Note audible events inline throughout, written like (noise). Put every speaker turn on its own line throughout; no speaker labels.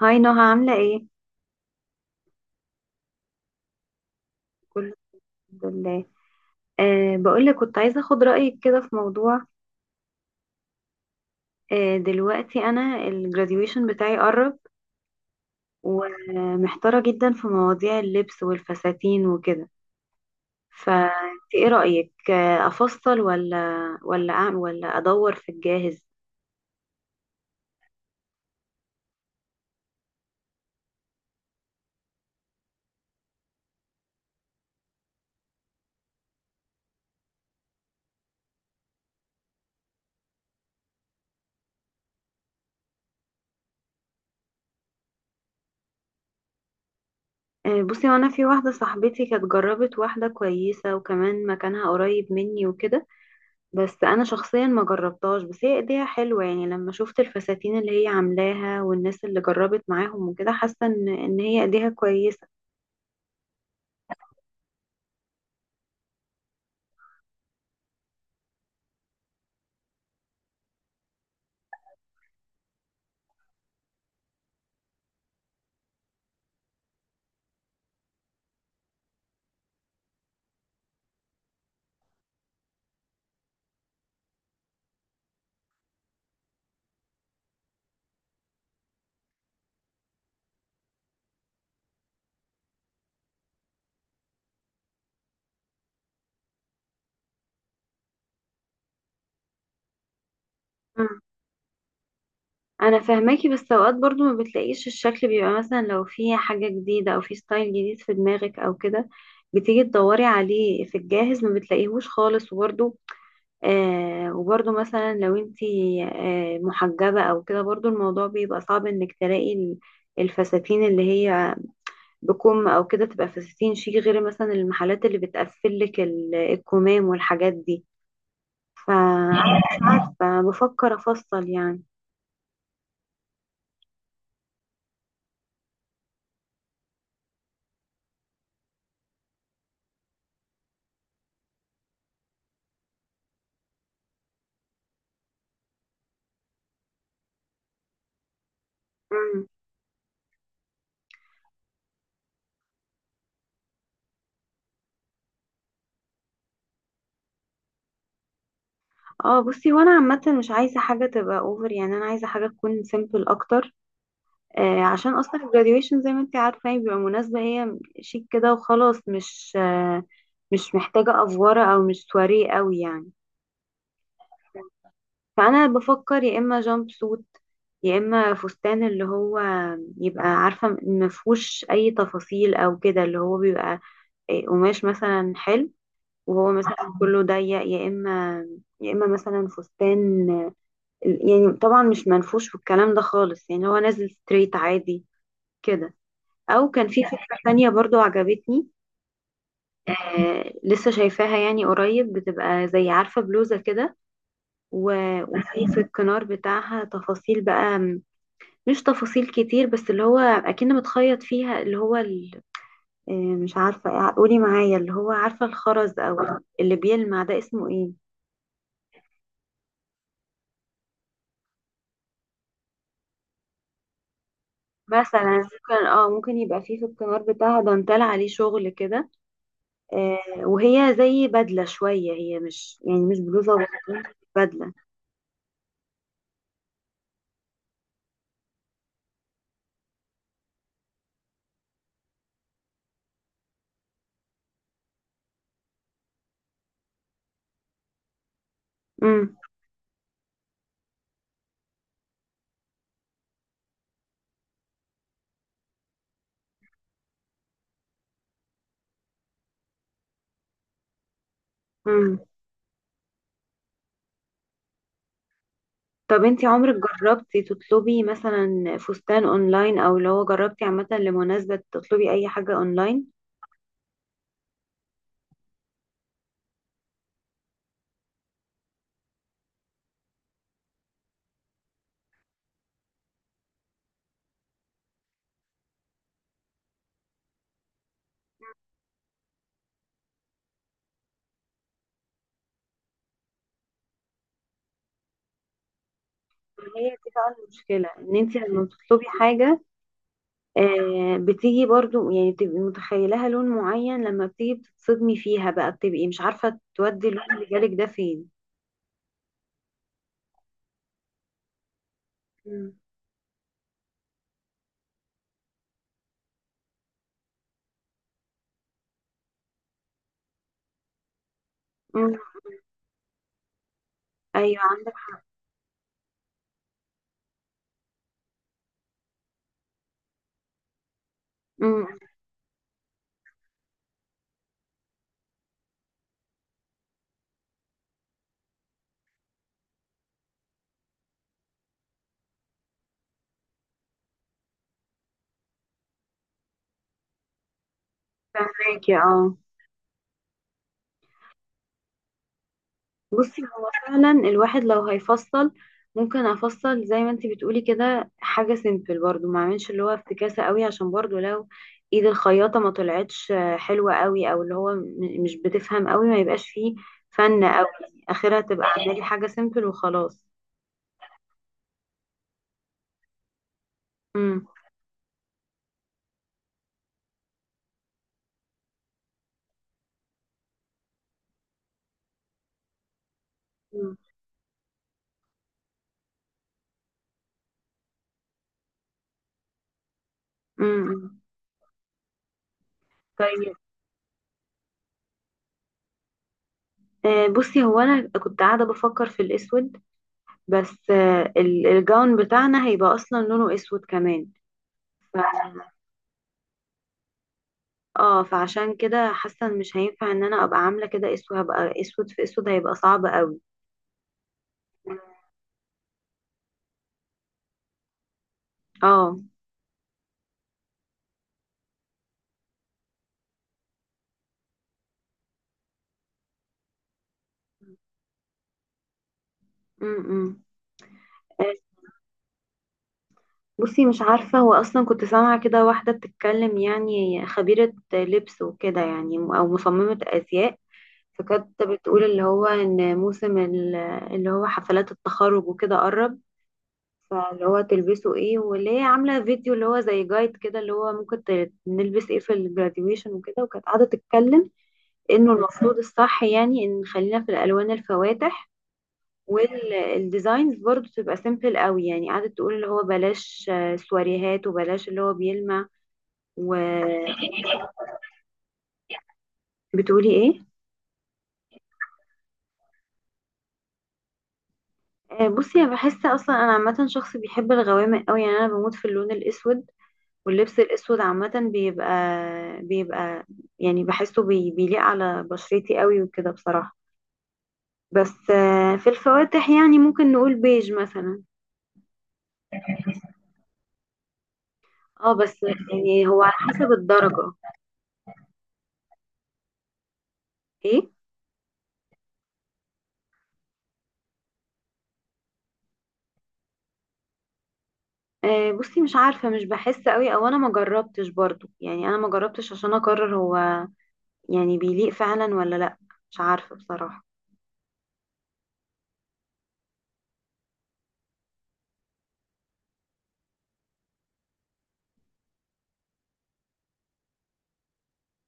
هاي نهى عاملة ايه؟ كله الحمد لله. بقولك كنت عايزة اخد رأيك كده في موضوع. دلوقتي انا الجراديويشن بتاعي قرب، ومحتارة جدا في مواضيع اللبس والفساتين وكده. فانت ايه رأيك، افصل ولا ولا اعمل ولا ادور في الجاهز؟ بصي، وانا في واحدة صاحبتي كانت جربت واحدة كويسة وكمان مكانها قريب مني وكده. بس انا شخصيا ما جربتهاش، بس هي ايديها حلوه. يعني لما شفت الفساتين اللي هي عاملاها والناس اللي جربت معاهم وكده، حاسه ان هي ايديها كويسه. مم. انا فاهماكي، بس اوقات برضو ما بتلاقيش الشكل. بيبقى مثلا لو في حاجه جديده او في ستايل جديد في دماغك او كده، بتيجي تدوري عليه في الجاهز ما بتلاقيهوش خالص. وبرضو مثلا لو انتي محجبه او كده، برضو الموضوع بيبقى صعب انك تلاقي الفساتين اللي هي بكم او كده تبقى في 60 شيك، غير مثلا المحلات اللي بتقفل لك الكمام والحاجات دي. فمش عارفه، بفكر (laughs) افصل يعني. مم. اه بصي، وانا عامه مش عايزه حاجه تبقى اوفر. يعني انا عايزه حاجه تكون سيمبل اكتر. عشان اصلا الجراديويشن زي ما انت عارفه هي بيبقى مناسبه، هي شيك كده وخلاص، مش محتاجه افوره او مش سواريه قوي يعني. فانا بفكر يا اما جامب سوت، يا اما فستان اللي هو يبقى عارفه ما فيهوش اي تفاصيل او كده، اللي هو بيبقى قماش مثلا حلو. وهو مثلا كله ضيق، يا اما مثلا فستان، يعني طبعا مش منفوش في الكلام ده خالص، يعني هو نازل ستريت عادي كده. او كان في فكره تانية برضو عجبتني. لسه شايفاها. يعني قريب بتبقى زي عارفه بلوزه كده، وفي الكنار بتاعها تفاصيل بقى. مش تفاصيل كتير، بس اللي هو اكن متخيط فيها، اللي هو مش عارفة، قولي معايا، اللي هو عارفة الخرز او اللي بيلمع ده اسمه ايه؟ مثلا ممكن يبقى فيه في الكمار بتاعها دانتال عليه شغل كده. آه وهي زي بدلة شوية، هي مش يعني مش بلوزة وبنطلون، بدلة. امم. امم. طب انتي عمرك جربتي تطلبي مثلا فستان اونلاين، او اللي هو جربتي عامة لمناسبة تطلبي اي حاجة اونلاين؟ هي دي بقى المشكلة ان انتي لما بتطلبي حاجة، بتيجي برضو. يعني بتبقي متخيلها لون معين، لما بتيجي بتتصدمي فيها بقى، بتبقي مش عارفة تودي اللون اللي جالك ده فين. مم. مم. ايوه عندك. امم. فاكي اه. بصي، هو فعلا الواحد لو هيفصل، ممكن افصل زي ما انت بتقولي كده حاجة سيمبل، برضو ما اعملش اللي هو افتكاسة قوي. عشان برضو لو ايد الخياطة ما طلعتش حلوة قوي، او اللي هو مش بتفهم قوي، ما يبقاش فيه فن قوي. اخرها تبقى اعملي حاجة سيمبل وخلاص. امم. امم. طيب. بصي، هو انا كنت قاعده بفكر في الاسود. بس الجاون بتاعنا هيبقى اصلا لونه اسود كمان. ف... اه فعشان كده حاسه إن مش هينفع. ان انا ابقى عامله كده اسود، هبقى اسود في اسود، هيبقى صعب قوي. اه. امم. آه، بصي، مش عارفه. هو اصلا كنت سامعه كده واحده بتتكلم، يعني خبيره لبس وكده، يعني او مصممه ازياء. فكانت بتقول اللي هو ان موسم اللي هو حفلات التخرج وكده قرب. فاللي هو تلبسه ايه، واللي هي عاملة فيديو اللي هو زي جايد كده اللي هو ممكن نلبس ايه في الجراديويشن وكده. وكانت قاعدة تتكلم انه المفروض الصح يعني ان خلينا في الالوان الفواتح، والديزاينز برضو تبقى سيمبل قوي. يعني قعدت تقول اللي هو بلاش سواريهات، وبلاش اللي هو بيلمع. وبتقولي ايه؟ بصي، انا بحس اصلا انا عامة شخص بيحب الغوامق قوي. يعني انا بموت في اللون الاسود، واللبس الاسود عامة بيبقى يعني بحسه بيليق على بشرتي قوي وكده بصراحة. بس في الفواتح، يعني ممكن نقول بيج مثلا. اه بس يعني هو على حسب الدرجة. ايه. بصي، مش عارفة. مش بحس قوي. او انا ما جربتش برضو، يعني انا ما جربتش عشان اقرر هو يعني بيليق فعلا ولا لا. مش عارفة بصراحة.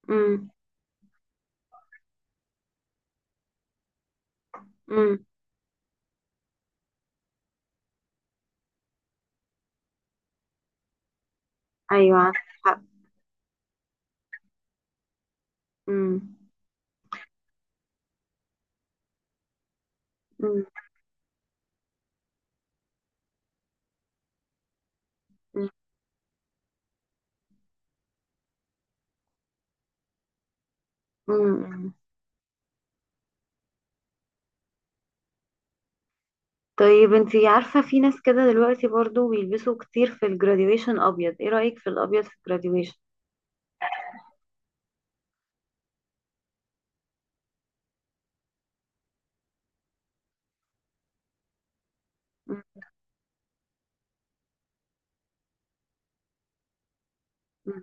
امم. امم. ايوه عندك حق. امم. امم. طيب انتي عارفة في ناس كده دلوقتي برضو بيلبسوا كتير في الجراديويشن ابيض، ايه رأيك في الابيض في الجراديويشن؟ مم.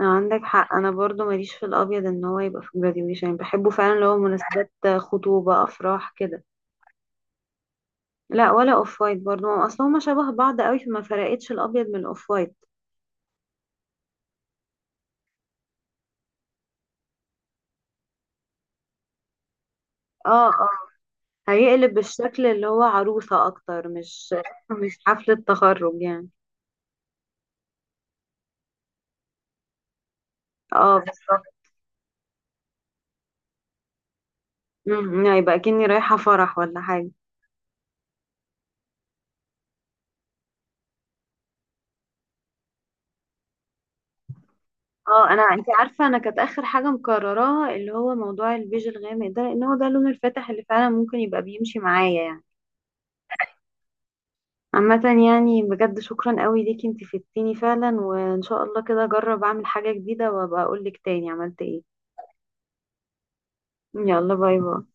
عندك حق. انا برضو ماليش في الابيض ان هو يبقى في الجراديويشن. يعني بحبه فعلا اللي هو مناسبات، خطوبة، افراح كده. لا، ولا اوف وايت برضو. ما اصل هما شبه بعض قوي، فما فرقتش الابيض من الاوف وايت. اه، اه، هيقلب بالشكل اللي هو عروسة اكتر، مش حفلة تخرج يعني. اه بالظبط. مم، يعني يبقى كأني رايحة فرح ولا حاجة. اه، انا، انت عارفه انا كانت اخر حاجه مقرراها اللي هو موضوع البيج الغامق ده، لان هو ده اللون الفاتح اللي فعلا ممكن يبقى بيمشي معايا يعني. عامه، يعني بجد شكرا قوي ليكي، انت فدتيني فعلا، وان شاء الله كده اجرب اعمل حاجه جديده وابقى اقول لك تاني عملت ايه. يلا باي باي.